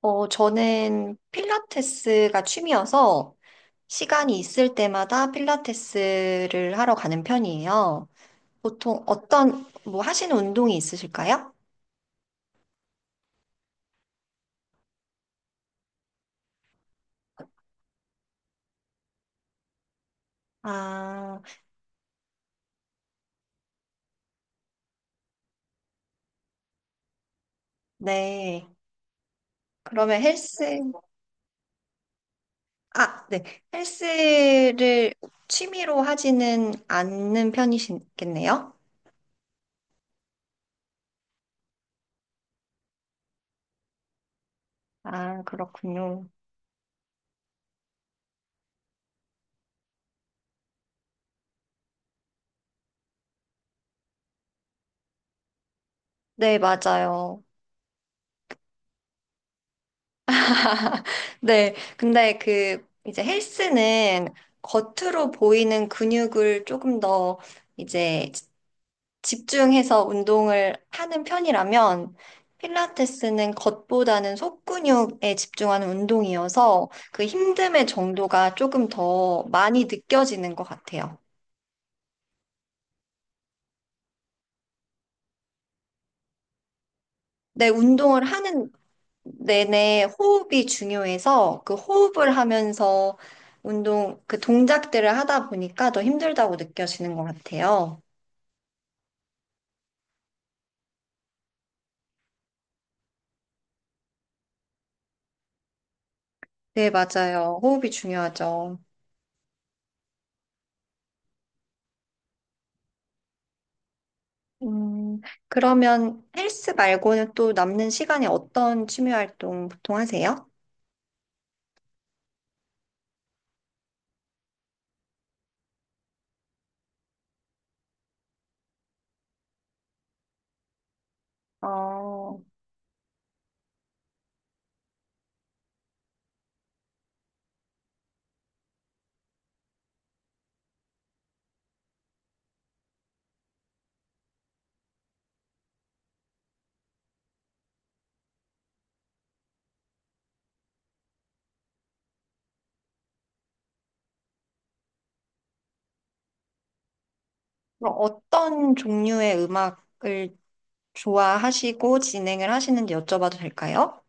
저는 필라테스가 취미여서 시간이 있을 때마다 필라테스를 하러 가는 편이에요. 보통 어떤, 뭐 하시는 운동이 있으실까요? 아, 네. 그러면 헬스, 아, 네. 헬스를 취미로 하지는 않는 편이시겠네요? 아, 그렇군요. 네, 맞아요. 네, 근데 그 이제 헬스는 겉으로 보이는 근육을 조금 더 이제 집중해서 운동을 하는 편이라면 필라테스는 겉보다는 속근육에 집중하는 운동이어서 그 힘듦의 정도가 조금 더 많이 느껴지는 것 같아요. 네, 운동을 하는 내내 호흡이 중요해서 그 호흡을 하면서 운동, 그 동작들을 하다 보니까 더 힘들다고 느껴지는 것 같아요. 네, 맞아요. 호흡이 중요하죠. 음, 그러면 헬스 말고는 또 남는 시간에 어떤 취미 활동 보통 하세요? 어, 그럼 어떤 종류의 음악을 좋아하시고 진행을 하시는지 여쭤봐도 될까요?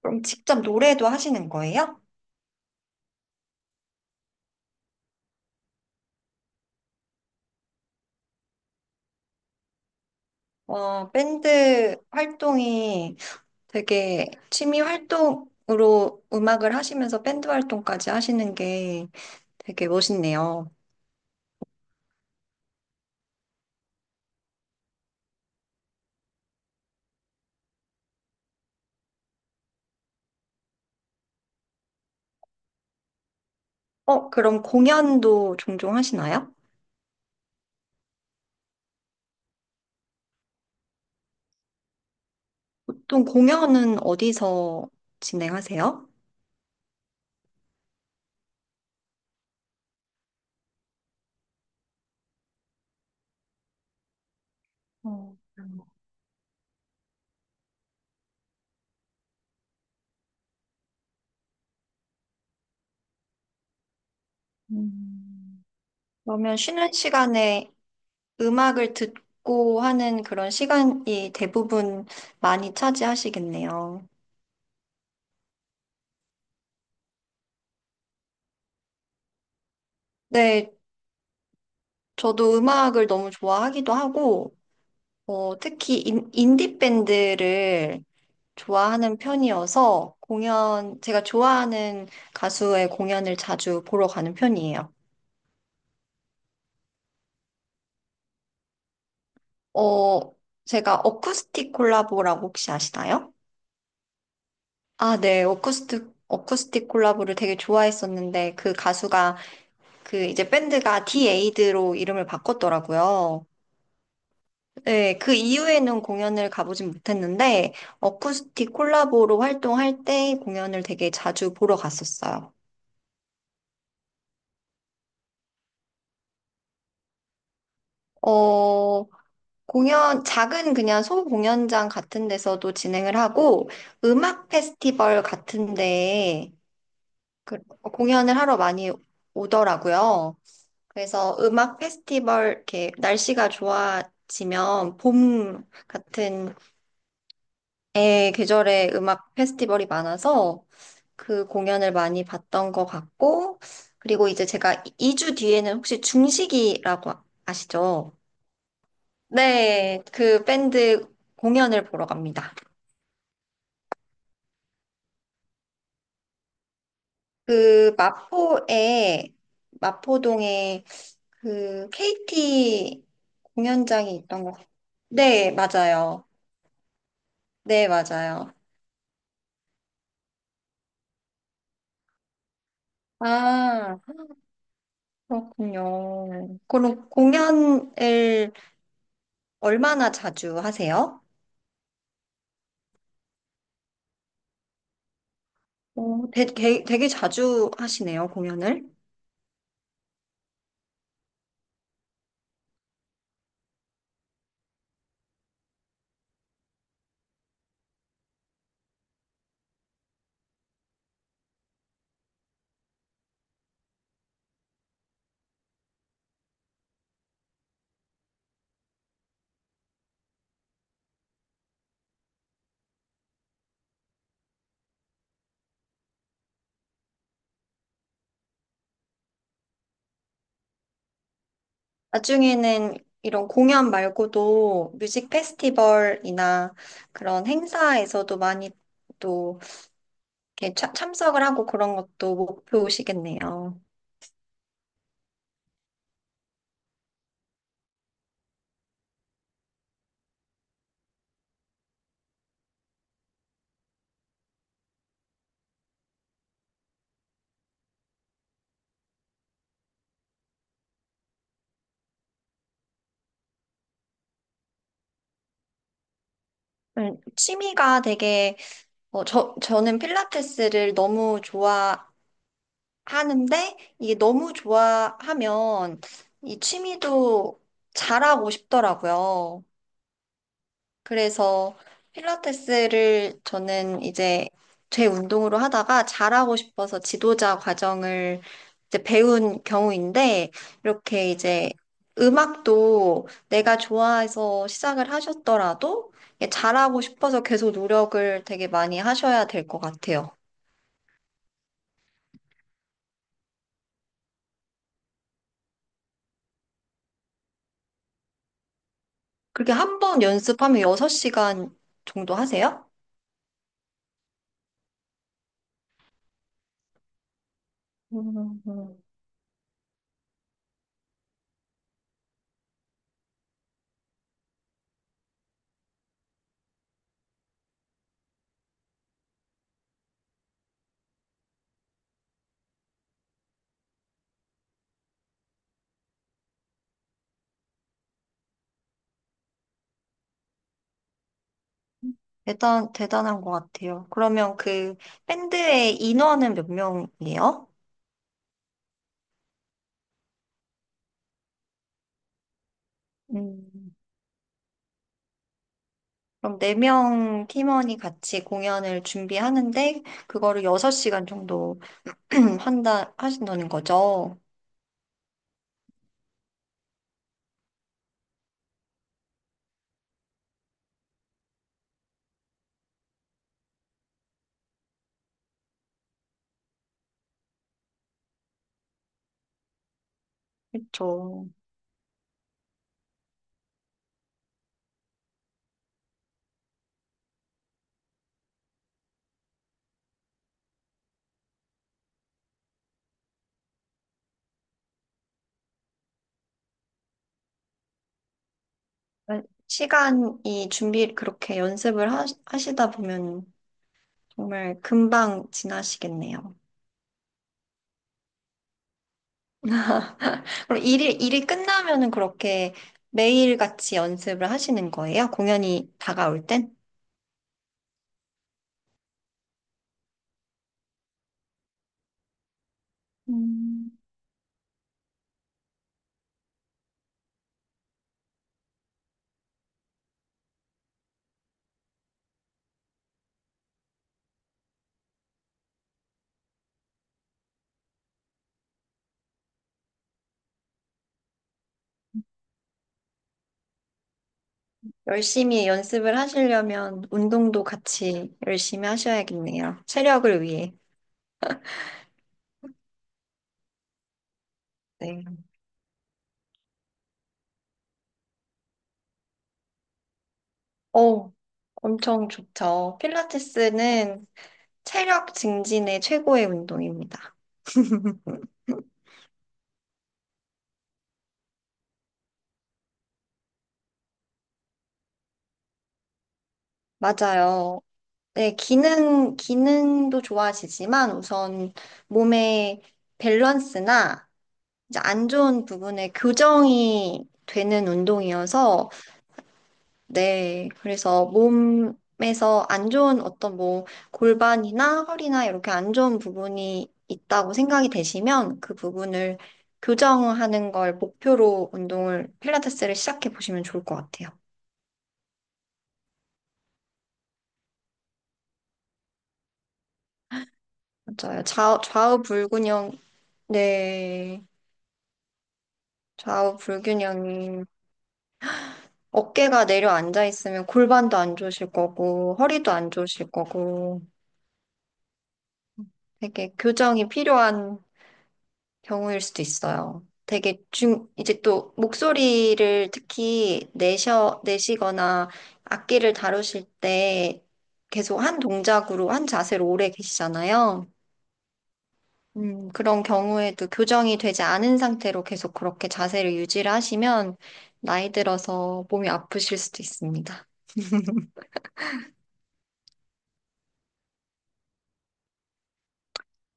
그럼 직접 노래도 하시는 거예요? 어, 밴드 활동이 되게 취미 활동으로 음악을 하시면서 밴드 활동까지 하시는 게 되게 멋있네요. 어, 그럼 공연도 종종 하시나요? 보통 공연은 어디서 진행하세요? 어, 음, 그러면 쉬는 시간에 음악을 듣고 하는 그런 시간이 대부분 많이 차지하시겠네요. 네, 저도 음악을 너무 좋아하기도 하고, 특히 인디 밴드를 좋아하는 편이어서 공연, 제가 좋아하는 가수의 공연을 자주 보러 가는 편이에요. 어, 제가 어쿠스틱 콜라보라고 혹시 아시나요? 아, 네. 어쿠스틱 콜라보를 되게 좋아했었는데 그 가수가 그 이제 밴드가 디에이드로 이름을 바꿨더라고요. 네. 그 이후에는 공연을 가보진 못했는데 어쿠스틱 콜라보로 활동할 때 공연을 되게 자주 보러 갔었어요. 어, 공연, 작은 그냥 소공연장 같은 데서도 진행을 하고 음악 페스티벌 같은 데에 공연을 하러 많이 오더라고요. 그래서 음악 페스티벌, 이렇게 날씨가 좋아지면 봄 같은 애 계절에 음악 페스티벌이 많아서 그 공연을 많이 봤던 것 같고, 그리고 이제 제가 2주 뒤에는 혹시 중식이라고 아시죠? 네, 그 밴드 공연을 보러 갑니다. 그 마포에, 마포동에 그 KT 공연장이 있던 것. 네, 맞아요. 네, 맞아요. 아, 그렇군요. 그럼 공연을 얼마나 자주 하세요? 되게 자주 하시네요, 공연을. 나중에는 이런 공연 말고도 뮤직 페스티벌이나 그런 행사에서도 많이 또 이렇게 참석을 하고 그런 것도 목표시겠네요. 취미가 되게, 저는 필라테스를 너무 하는데 이게 너무 좋아하면 이 취미도 잘하고 싶더라고요. 그래서 필라테스를 저는 이제 제 운동으로 하다가 잘하고 싶어서 지도자 과정을 이제 배운 경우인데 이렇게 이제 음악도 내가 좋아해서 시작을 하셨더라도 이게 잘하고 싶어서 계속 노력을 되게 많이 하셔야 될 것 같아요. 그렇게 한 번 연습하면 6시간 정도 하세요? 음, 음. 대단한 것 같아요. 그러면 그 밴드의 인원은 몇 명이에요? 음, 그럼 네 명 팀원이 같이 공연을 준비하는데, 그거를 여섯 시간 정도 하신다는 거죠? 그렇죠. 그렇게 연습을 하시다 보면 정말 금방 지나시겠네요. 그럼 일이 끝나면은 그렇게 매일같이 연습을 하시는 거예요? 공연이 다가올 땐? 음. 열심히 연습을 하시려면 운동도 같이 열심히 하셔야겠네요. 체력을 위해. 네. 어, 엄청 좋죠. 필라테스는 체력 증진의 최고의 운동입니다. 맞아요. 네, 기능도 좋아지지만 우선 몸의 밸런스나 이제 안 좋은 부분에 교정이 되는 운동이어서, 네. 그래서 몸에서 안 좋은 어떤 뭐 골반이나 허리나 이렇게 안 좋은 부분이 있다고 생각이 되시면 그 부분을 교정하는 걸 목표로 운동을, 필라테스를 시작해 보시면 좋을 것 같아요. 맞아요. 좌우 불균형, 네. 좌우 불균형이 어깨가 내려앉아 있으면 골반도 안 좋으실 거고, 허리도 안 좋으실 거고, 되게 교정이 필요한 경우일 수도 있어요. 되게 중, 이제 또 목소리를 특히 내시거나 악기를 다루실 때 계속 한 동작으로, 한 자세로 오래 계시잖아요. 그런 경우에도 교정이 되지 않은 상태로 계속 그렇게 자세를 유지를 하시면 나이 들어서 몸이 아프실 수도 있습니다.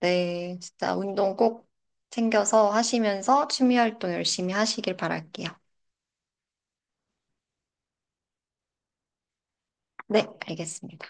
네, 진짜 운동 꼭 챙겨서 하시면서 취미 활동 열심히 하시길 바랄게요. 네, 알겠습니다.